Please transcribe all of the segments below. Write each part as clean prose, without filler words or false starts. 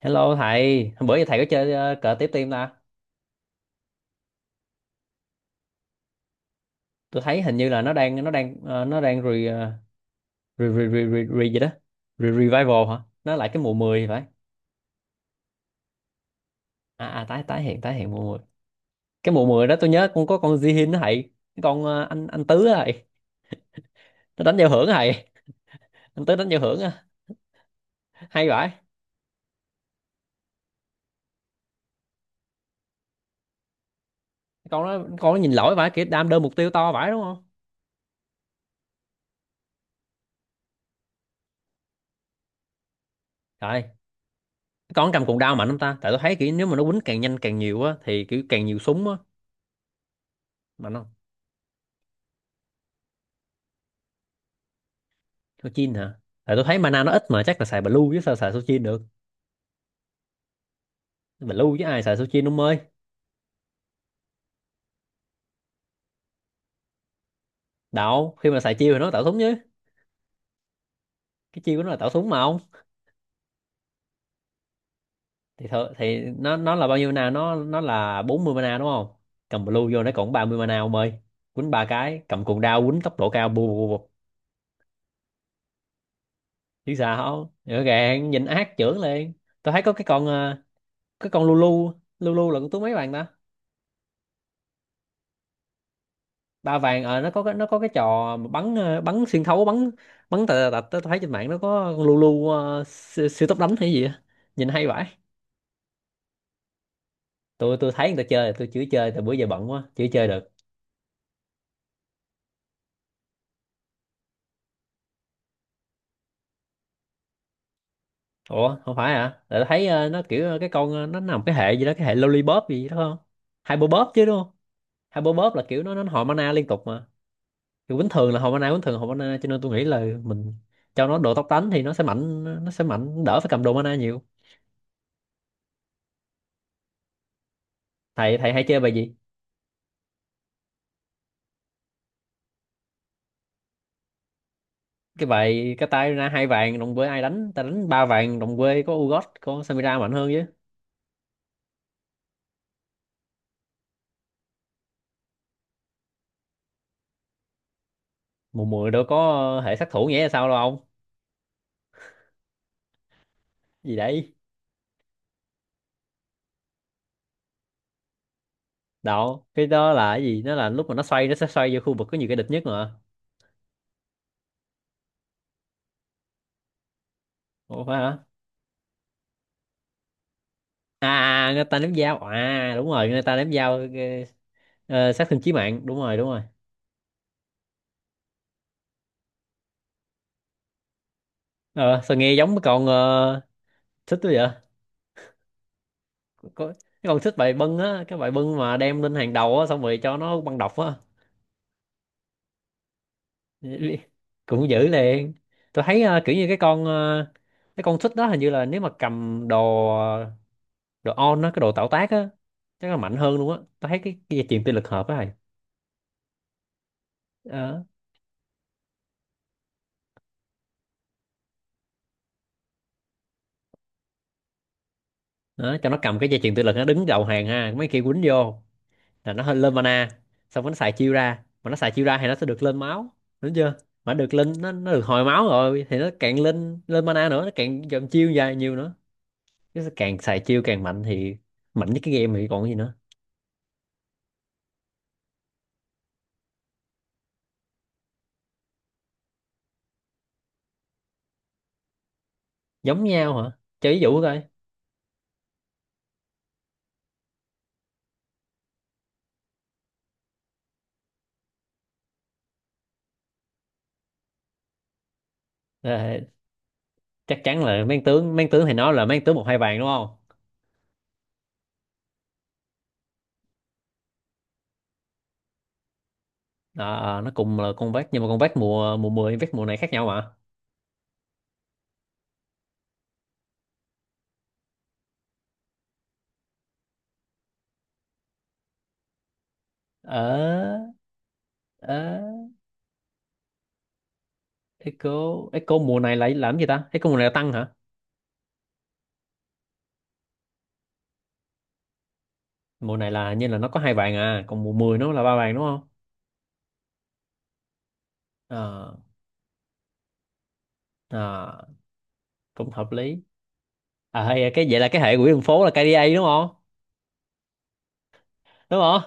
Hello thầy, hôm bữa giờ thầy có chơi cờ tiếp tim ta? Tôi thấy hình như là nó đang nó đang re, ờ, re, re, re, re, re gì đó. Re, revival hả? Nó lại cái mùa 10 thì phải. À à tái tái hiện mùa 10. Cái mùa 10 đó tôi nhớ con có con Jihin đó thầy. Cái con anh Tứ á thầy. Nó đánh giao hưởng á thầy. Anh Tứ đánh giao hưởng á. Hay vãi. Con nó nhìn lỗi vãi, kiểu đam đơn mục tiêu to vãi đúng không? Trời, con cầm cuộn đao mạnh không ta? Tại tôi thấy kiểu nếu mà nó quýnh càng nhanh càng nhiều á thì kiểu càng nhiều súng á mà nó số 9 hả? Tại tôi thấy mana nó ít mà chắc là xài blue chứ sao xài số 9 được, blue chứ ai xài số 9 ông ơi. Đạo khi mà xài chiêu thì nó tạo súng chứ, cái chiêu của nó là tạo súng mà không. Thì nó là bao nhiêu mana, nó là 40 mana đúng không? Cầm blue vô nó còn 30 mana ông ơi. Quýnh ba cái cầm cuồng đao quýnh tốc độ cao bù bù bù bù. Chứ sao, rõ ràng nhìn ác trưởng lên. Tôi thấy có cái con cái con Lulu. Lulu là con tú mấy bạn ta? Ba vàng. Ờ nó có cái, nó có cái trò mà bắn bắn xuyên thấu, bắn bắn tạt tạt tạt tao thấy trên mạng nó có con lu lu siêu tốc đánh hay gì á, nhìn hay vãi. Tôi thấy người ta chơi, tôi chưa chơi tại bữa giờ bận quá chưa chơi được. Ủa không phải hả? Tại tao thấy nó kiểu nó nằm cái hệ gì đó, cái hệ lollipop gì đó không, hyperbop chứ đúng không? Hyperbop là kiểu nó hồi mana liên tục mà, kiểu bình thường là hồi mana, bình thường là hồi mana, cho nên tôi nghĩ là mình cho nó đồ tốc đánh thì nó sẽ mạnh, nó sẽ mạnh đỡ phải cầm đồ mana nhiều. Thầy thầy hay chơi bài gì? Cái bài cái tay ra hai vàng đồng quê ai đánh, ta đánh ba vàng đồng quê có Ugot có Samira mạnh hơn chứ. Mùa mười đâu có hệ sát thủ, nghĩa là sao đâu ông? Gì đấy? Đâu, cái đó là cái gì, nó là lúc mà nó xoay, nó sẽ xoay vô khu vực có nhiều cái địch nhất mà. Ủa phải hả? Người ta ném dao à? Đúng rồi, người ta ném dao. Ờ, sát thương chí mạng đúng rồi đúng rồi. Ờ sao nghe giống cái con thích quá vậy. Có cái con thích bài bưng á, cái bài bưng mà đem lên hàng đầu á, xong rồi cho nó băng độc á. Cũng dữ liền. Tôi thấy kiểu như cái con cái con xích đó hình như là nếu mà cầm đồ, đồ on á, cái đồ tạo tác á chắc là mạnh hơn luôn á. Tôi thấy cái dây chuyền tự lực hợp á thầy. Đó. Đó cho nó cầm cái dây chuyền tự lực nó đứng đầu hàng ha, mấy kia quýnh vô là nó hơi lên mana, xong rồi nó xài chiêu ra, mà nó xài chiêu ra thì nó sẽ được lên máu đúng chưa? Mà được lên nó được hồi máu rồi thì nó càng lên lên mana nữa, nó càng dòng chiêu dài nhiều nữa, nó sẽ càng xài chiêu càng mạnh thì mạnh nhất cái game thì còn gì nữa. Giống nhau hả? Cho ví dụ coi. Ờ, chắc chắn là mang tướng, mang tướng thì nó là mang tướng một hai vàng đúng không? Đó, ờ, nó cùng là con vác nhưng mà con vác mùa mùa 10 vác mùa này khác nhau mà. Ờ. Ờ. Echo. Echo mùa này lại làm gì ta, Echo mùa này là tăng hả? Mùa này là như là nó có hai vàng à, còn mùa 10 nó là ba vàng đúng không? Ờ. Ờ, cũng hợp lý. À hay cái, vậy là cái hệ quỹ đường phố là KDA đúng không? Đúng không?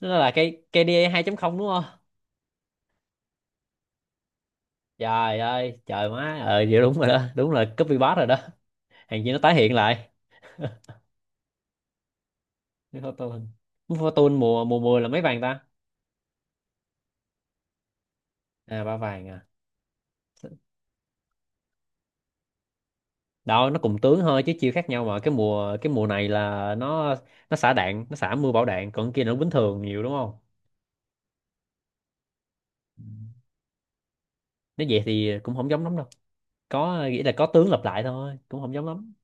Nó là cái KDA 2.0 đúng không? Trời ơi trời má, ờ vậy đúng rồi đó, đúng là copy paste rồi đó. Hàng gì nó tái hiện lại. Cái Fortune, nước Fortune mùa mùa 10 là mấy vàng ta? À ba vàng à? Đó, nó cùng tướng thôi chứ chiêu khác nhau mà. Cái mùa này là nó xả đạn, nó xả mưa bão đạn, còn kia nó bình thường nhiều đúng không? Nếu vậy thì cũng không giống lắm đâu, có nghĩa là có tướng lặp lại thôi, cũng không giống lắm.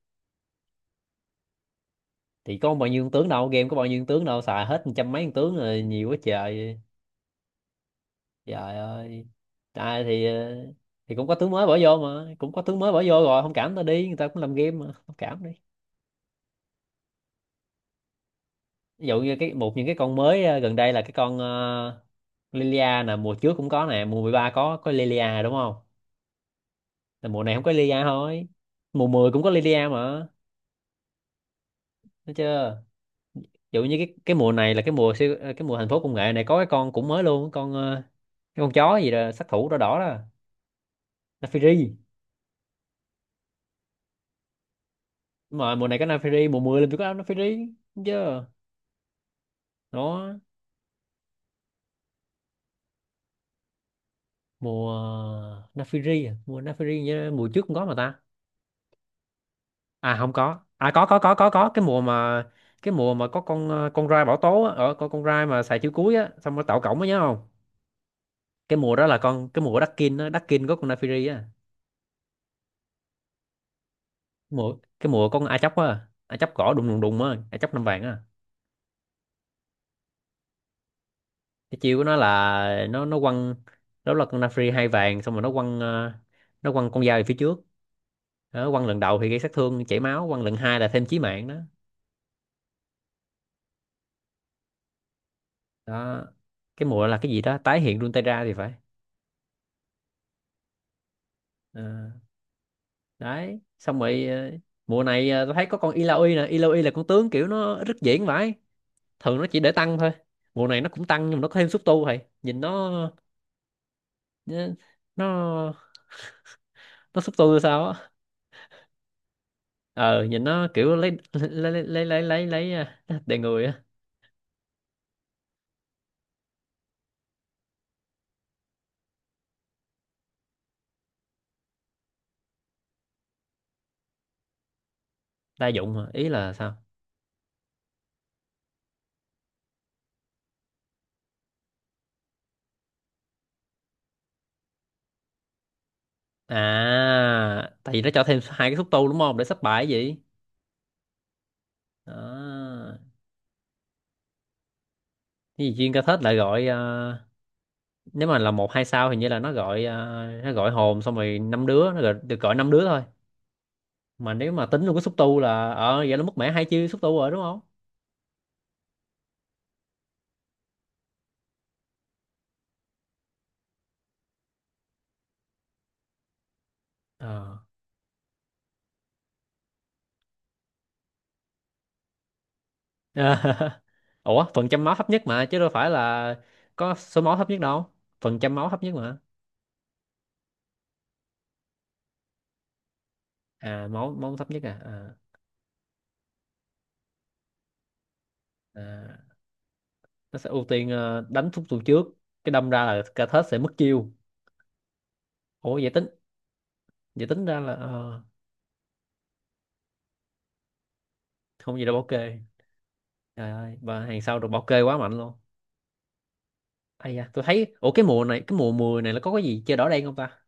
Thì có bao nhiêu con tướng đâu, game có bao nhiêu con tướng đâu, xài hết trăm mấy con tướng rồi, nhiều quá trời. Trời ơi. À, thì cũng có tướng mới bỏ vô mà, cũng có tướng mới bỏ vô rồi, không cảm ta đi, người ta cũng làm game mà không cảm đi. Ví dụ như cái một những cái con mới gần đây là cái con Lilia nè, mùa trước cũng có nè, mùa 13 có Lilia đúng không, là mùa này không có Lilia thôi, mùa 10 cũng có Lilia mà. Thấy chưa? Ví dụ như cái mùa này là cái mùa siêu cái mùa thành phố công nghệ này có cái con cũng mới luôn, con cái con chó gì đó sát thủ đỏ đỏ đó, Nafiri. Đúng rồi mùa này có Nafiri, mùa 10 là phải có Nafiri thấy chưa? Đó. Mùa Nafiri à? Mùa Nafiri nhớ mùa trước cũng có mà ta. À không, có à, có có cái mùa mà, cái mùa mà có con con rai bảo tố á, ở con rai mà xài chữ cuối á xong nó tạo cổng á nhớ không? Cái mùa đó là con, cái mùa Đắc-kin á, Đắc-kin có con Naafiri á. Mùa cái mùa con A Chóc á, A Chóc cỏ đùng đùng đùng á, A Chóc năm vàng á. Cái chiêu của nó là nó quăng, đó là con Naafiri hai vàng, xong rồi nó quăng nó quăng con dao về phía trước. Đó, quăng lần đầu thì gây sát thương chảy máu, quăng lần hai là thêm chí mạng đó. Đó, cái mùa là cái gì đó tái hiện Runeterra thì phải. Ờ. Đấy xong rồi mùa này tôi thấy có con Illaoi nè, Illaoi là con tướng kiểu nó rất diễn vãi, thường nó chỉ để tăng thôi, mùa này nó cũng tăng nhưng mà nó có thêm xúc tu, thầy nhìn nó, nó nó nó xúc tu sao á. Ờ nhìn nó kiểu lấy à, đầy người á. Đa dụng mà ý là sao? À tại vì nó cho thêm hai cái xúc tu đúng không để sắp bài gì. À, cái gì chuyên ca thết lại gọi nếu mà là một hai sao hình như là nó gọi nó gọi hồn xong rồi năm đứa, nó gọi, được gọi năm đứa thôi. Mà nếu mà tính luôn cái xúc tu là ờ vậy nó mất mẻ hai chi xúc tu rồi đúng không? Ờ. Ủa phần trăm máu thấp nhất mà chứ đâu phải là có số máu thấp nhất đâu, phần trăm máu thấp nhất mà. À máu máu thấp nhất à, à, à. Nó sẽ ưu tiên đánh xúc tu trước, cái đâm ra là cả thớt sẽ mất chiêu. Ủa vậy tính, vậy tính ra là không gì đâu ok. Trời ơi và hàng sau được bảo kê quá mạnh luôn. Ai da, tôi thấy ủa cái mùa này cái mùa mười này là có cái gì chơi đỏ đen không ta?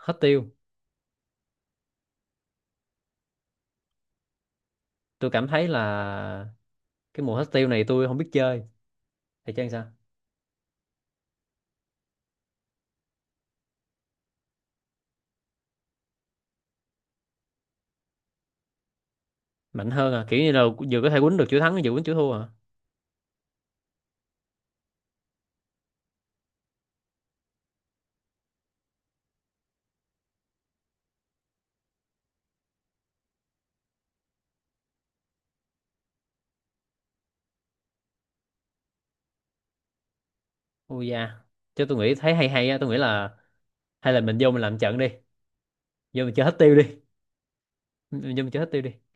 Hết tiêu. Tôi cảm thấy là cái mùa hostile này tôi không biết chơi, thầy chơi sao? Mạnh hơn à? Kiểu như là vừa có thể quýnh được chữ thắng vừa quýnh chữ thua à? Ui da. Chứ tôi nghĩ thấy hay hay á, tôi nghĩ là hay là mình vô mình làm trận đi. Vô mình chơi hết tiêu đi. Mình vô mình chơi hết tiêu đi.